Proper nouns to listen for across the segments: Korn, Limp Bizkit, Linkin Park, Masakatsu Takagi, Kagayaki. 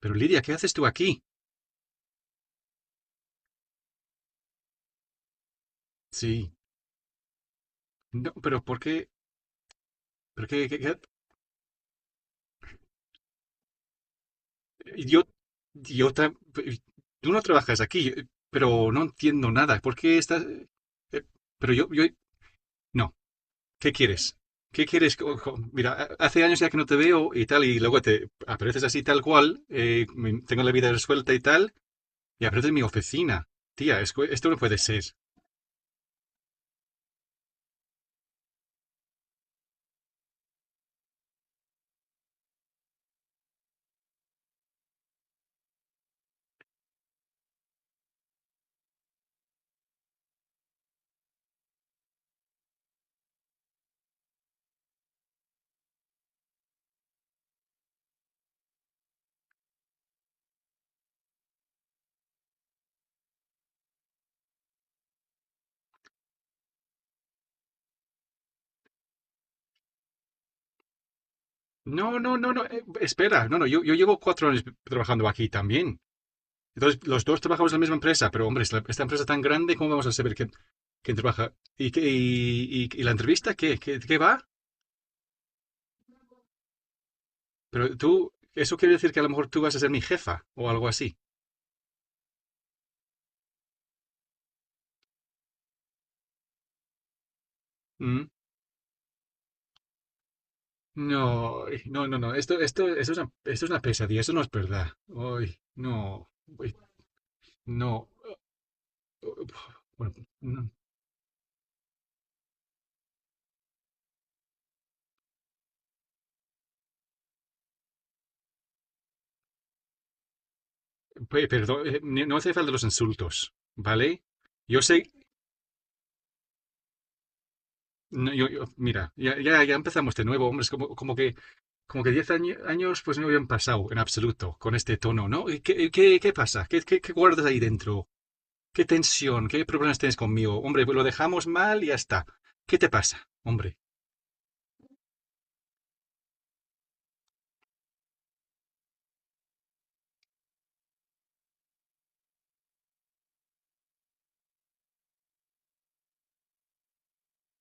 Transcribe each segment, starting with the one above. Pero Lidia, ¿qué haces tú aquí? Sí, no, pero ¿por qué? ¿Por qué, Yo, yo, tra- tú no trabajas aquí, pero no entiendo nada. ¿Por qué estás? eh, Pero yo, no. ¿Qué quieres? ¿Qué quieres? Mira, hace años ya que no te veo y tal, y luego te apareces así tal cual. Tengo la vida resuelta y tal, y apareces en mi oficina. Tía, es que esto no puede ser. No, no, no, no. Espera, no, no. Yo llevo 4 años trabajando aquí también. Entonces, los dos trabajamos en la misma empresa, pero hombre, esta empresa tan grande, ¿cómo vamos a saber quién, quién trabaja? ¿Y y, y la entrevista qué? ¿Qué, qué va? Pero tú, eso quiere decir que a lo mejor tú vas a ser mi jefa o algo así. ¿Mm? No, ay, no, no, no, esto esto es una pesadilla, eso no es verdad. Ay, no, ay, no. Bueno, no, perdón, no hace falta los insultos, ¿vale? Yo sé, no, yo, mira, ya, ya, ya empezamos de nuevo, hombre, es como, como que 10 años pues no habían pasado en absoluto con este tono, ¿no? ¿Y qué, qué, qué pasa? ¿Qué, qué, qué guardas ahí dentro? ¿Qué tensión? ¿Qué problemas tienes conmigo? Hombre, pues lo dejamos mal y ya está. ¿Qué te pasa, hombre?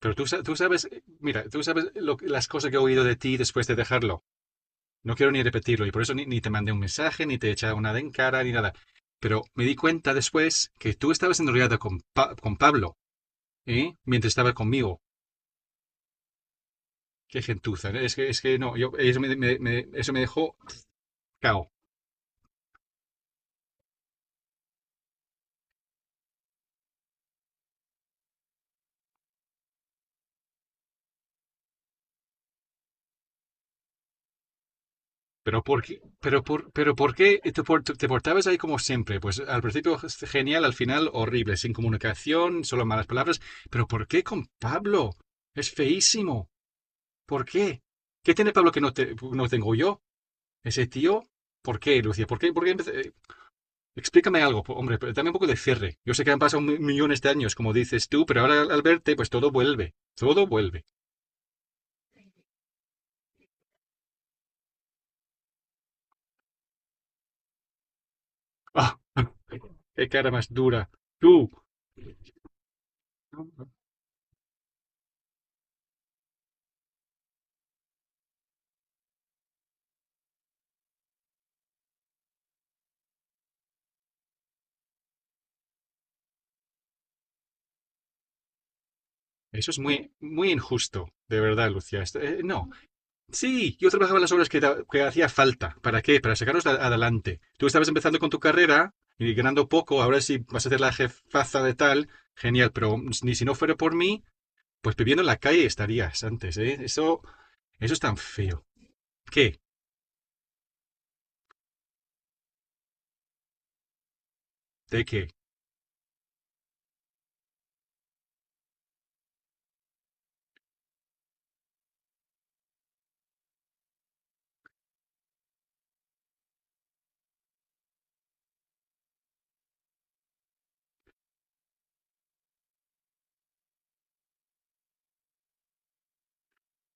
Pero tú, tú sabes, mira, tú sabes las cosas que he oído de ti después de dejarlo. No quiero ni repetirlo y por eso ni, ni te mandé un mensaje, ni te he echado nada en cara, ni nada. Pero me di cuenta después que tú estabas enrollada con, con Pablo, ¿eh? Mientras estaba conmigo. Qué gentuza, ¿no? Es que no, yo, eso me dejó cao. Pero ¿por qué, pero por qué te, te portabas ahí como siempre? Pues al principio genial, al final horrible, sin comunicación, solo malas palabras. Pero ¿por qué con Pablo? Es feísimo. ¿Por qué? ¿Qué tiene Pablo que no, no tengo yo? ¿Ese tío? ¿Por qué, Lucía? ¿Por qué? Explícame algo, hombre, pero dame un poco de cierre. Yo sé que han pasado millones de años, como dices tú, pero ahora al verte, pues todo vuelve. Todo vuelve. ¡Ah! ¡Qué cara más dura! Tú, eso es muy injusto, de verdad, Lucía. No, sí, yo trabajaba las obras que, que hacía falta. ¿Para qué? Para sacarnos adelante. Tú estabas empezando con tu carrera y ganando poco, ahora sí vas a ser la jefaza de tal, genial, pero ni si no fuera por mí, pues viviendo en la calle estarías antes, ¿eh? Eso es tan feo. ¿Qué? ¿De qué?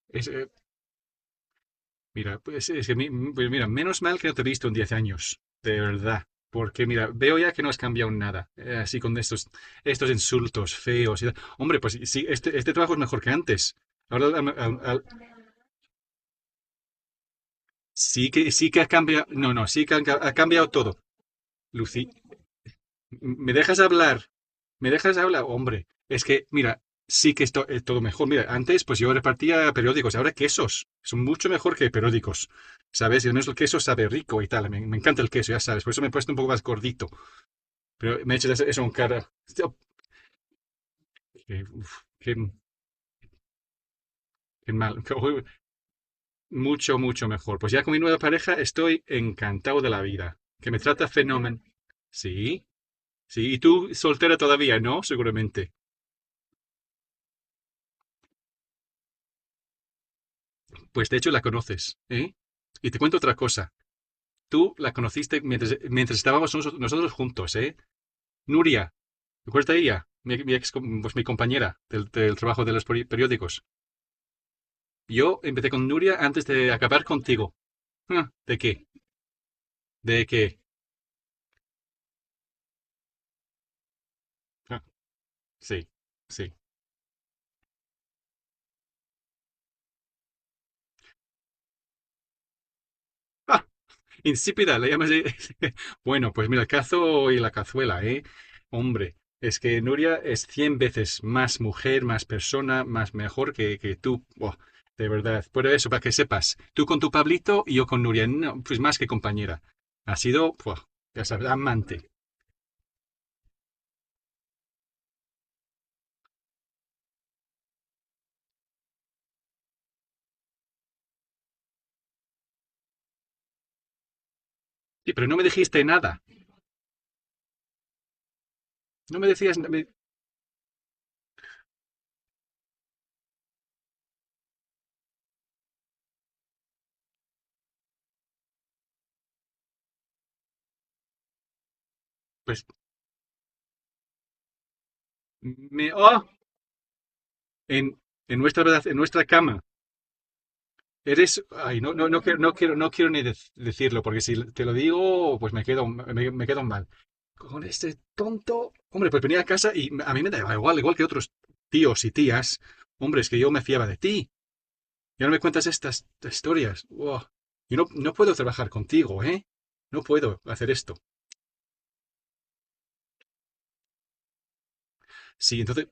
Es, eh, Mira, pues mira, menos mal que no te he visto en 10 años, de verdad. Porque mira, veo ya que no has cambiado nada, así con estos insultos feos y tal. Hombre, pues sí, sí, este trabajo es mejor que antes. Ahora sí que ha cambiado, no, no, sí que han cambiado todo. Lucy, ¿me dejas hablar? ¿Me dejas hablar? Hombre, es que, mira, sí que esto es todo mejor. Mira, antes pues yo repartía periódicos, ahora quesos. Son mucho mejor que periódicos, ¿sabes? Y al menos el queso sabe rico y tal. Me encanta el queso, ya sabes. Por eso me he puesto un poco más gordito. Pero me echas eso en cara. Oh, qué, uf, qué mal. Mucho, mucho mejor. Pues ya con mi nueva pareja estoy encantado de la vida. Que me trata fenómeno. Sí, sí. Y tú soltera todavía, ¿no? Seguramente. Pues de hecho la conoces, ¿eh? Y te cuento otra cosa. Tú la conociste mientras, mientras estábamos nosotros juntos, ¿eh? Nuria, ¿te acuerdas de ella? Mi ex, pues mi compañera del, del trabajo de los periódicos. Yo empecé con Nuria antes de acabar contigo. Ah, ¿de qué? ¿De qué? Ah, sí, sí. Ah, insípida, la llamas. De. Bueno, pues mira, el cazo y la cazuela, ¿eh? Hombre, es que Nuria es 100 veces más mujer, más persona, más mejor que tú. Buah, de verdad. Por eso, para que sepas, tú con tu Pablito y yo con Nuria, no, pues más que compañera. Ha sido, buah, ya sabes, amante. Sí, pero no me dijiste nada. No me decías, pues, me, oh, en, en nuestra, en nuestra cama. Eres, ay, no, no, no, quiero, no quiero, no quiero ni decirlo, porque si te lo digo, pues me quedo, me quedo mal. Con este tonto, hombre, pues venía a casa y a mí me daba igual, igual que otros tíos y tías, hombre, es que yo me fiaba de ti. Ya no me cuentas estas historias. Buah. Yo no, no puedo trabajar contigo, ¿eh? No puedo hacer esto. Sí, entonces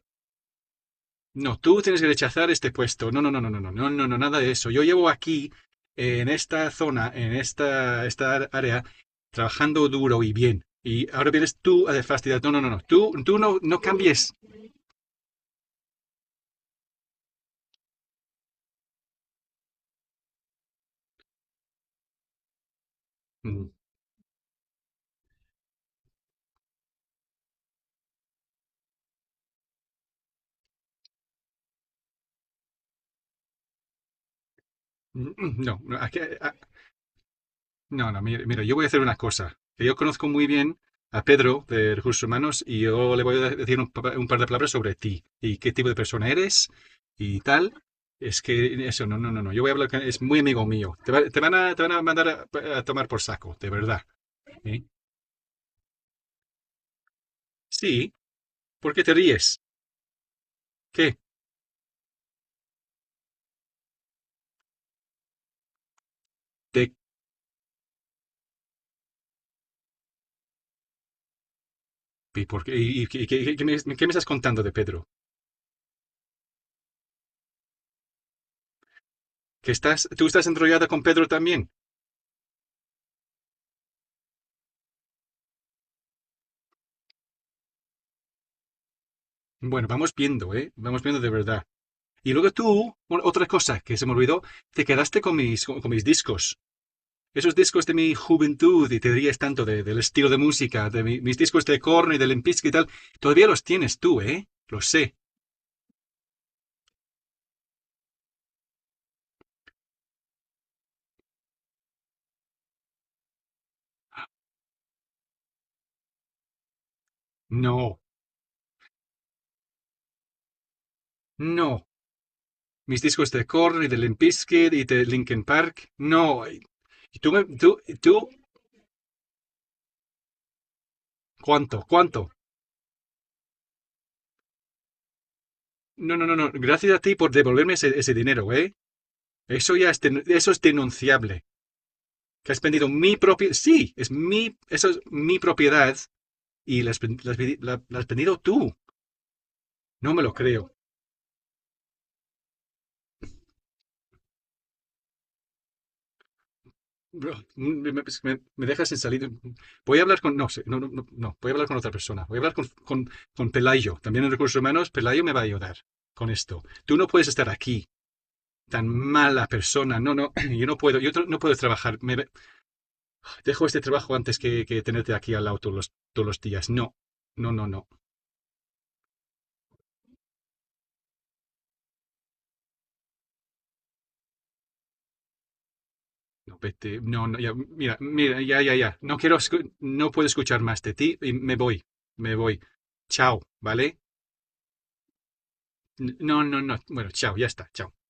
no, tú tienes que rechazar este puesto. No, no, no, no, no, no, no, no, no, nada de eso. Yo llevo aquí, en esta zona, en esta área, trabajando duro y bien. Y ahora vienes tú a fastidiar. No, no, no, no. Tú no, no cambies. Mm, No, no, no, no, mira, mira, yo voy a hacer una cosa que yo conozco muy bien a Pedro de Recursos Humanos y yo le voy a decir un par de palabras sobre ti y qué tipo de persona eres y tal. Es que eso, no, no, no, no. Yo voy a hablar con, es muy amigo mío. Te van a mandar a tomar por saco, de verdad. ¿Eh? Sí, ¿por qué te ríes? ¿Qué? ¿De, y por qué, qué me estás contando de Pedro? ¿Que estás, tú estás enrollada con Pedro también? Bueno, vamos viendo, ¿eh? Vamos viendo de verdad. Y luego tú, bueno, otra cosa que se me olvidó, te quedaste con mis discos. Esos discos de mi juventud, y te dirías tanto del estilo de música, de mis discos de Korn y de Limp Bizkit y tal, todavía los tienes tú, ¿eh? Lo sé. No, no. Mis discos de Korn y de Limp Bizkit y de Linkin Park, no. Y tú, tú, ¿cuánto? ¿Cuánto? No, no, no, no. Gracias a ti por devolverme ese dinero, ¿eh? Eso ya es, eso es denunciable. Que has vendido mi propiedad. Sí, es mi, eso es mi propiedad y las, las pedido tú. No me lo creo. Bro, dejas sin salir. Voy a hablar con. No sé, no, no, no, no, voy a hablar con otra persona. Voy a hablar con Pelayo. También en recursos humanos, Pelayo me va a ayudar con esto. Tú no puedes estar aquí, tan mala persona. No, no, yo no puedo, no puedo trabajar. Dejo este trabajo antes que tenerte aquí al lado todos los días. No, no, no, no. No, vete, no, no, ya, mira, mira, ya, ya, ya. No quiero, no puedo escuchar más de ti y me voy, me voy. Chao, ¿vale? No, no, no. Bueno, chao, ya está, chao.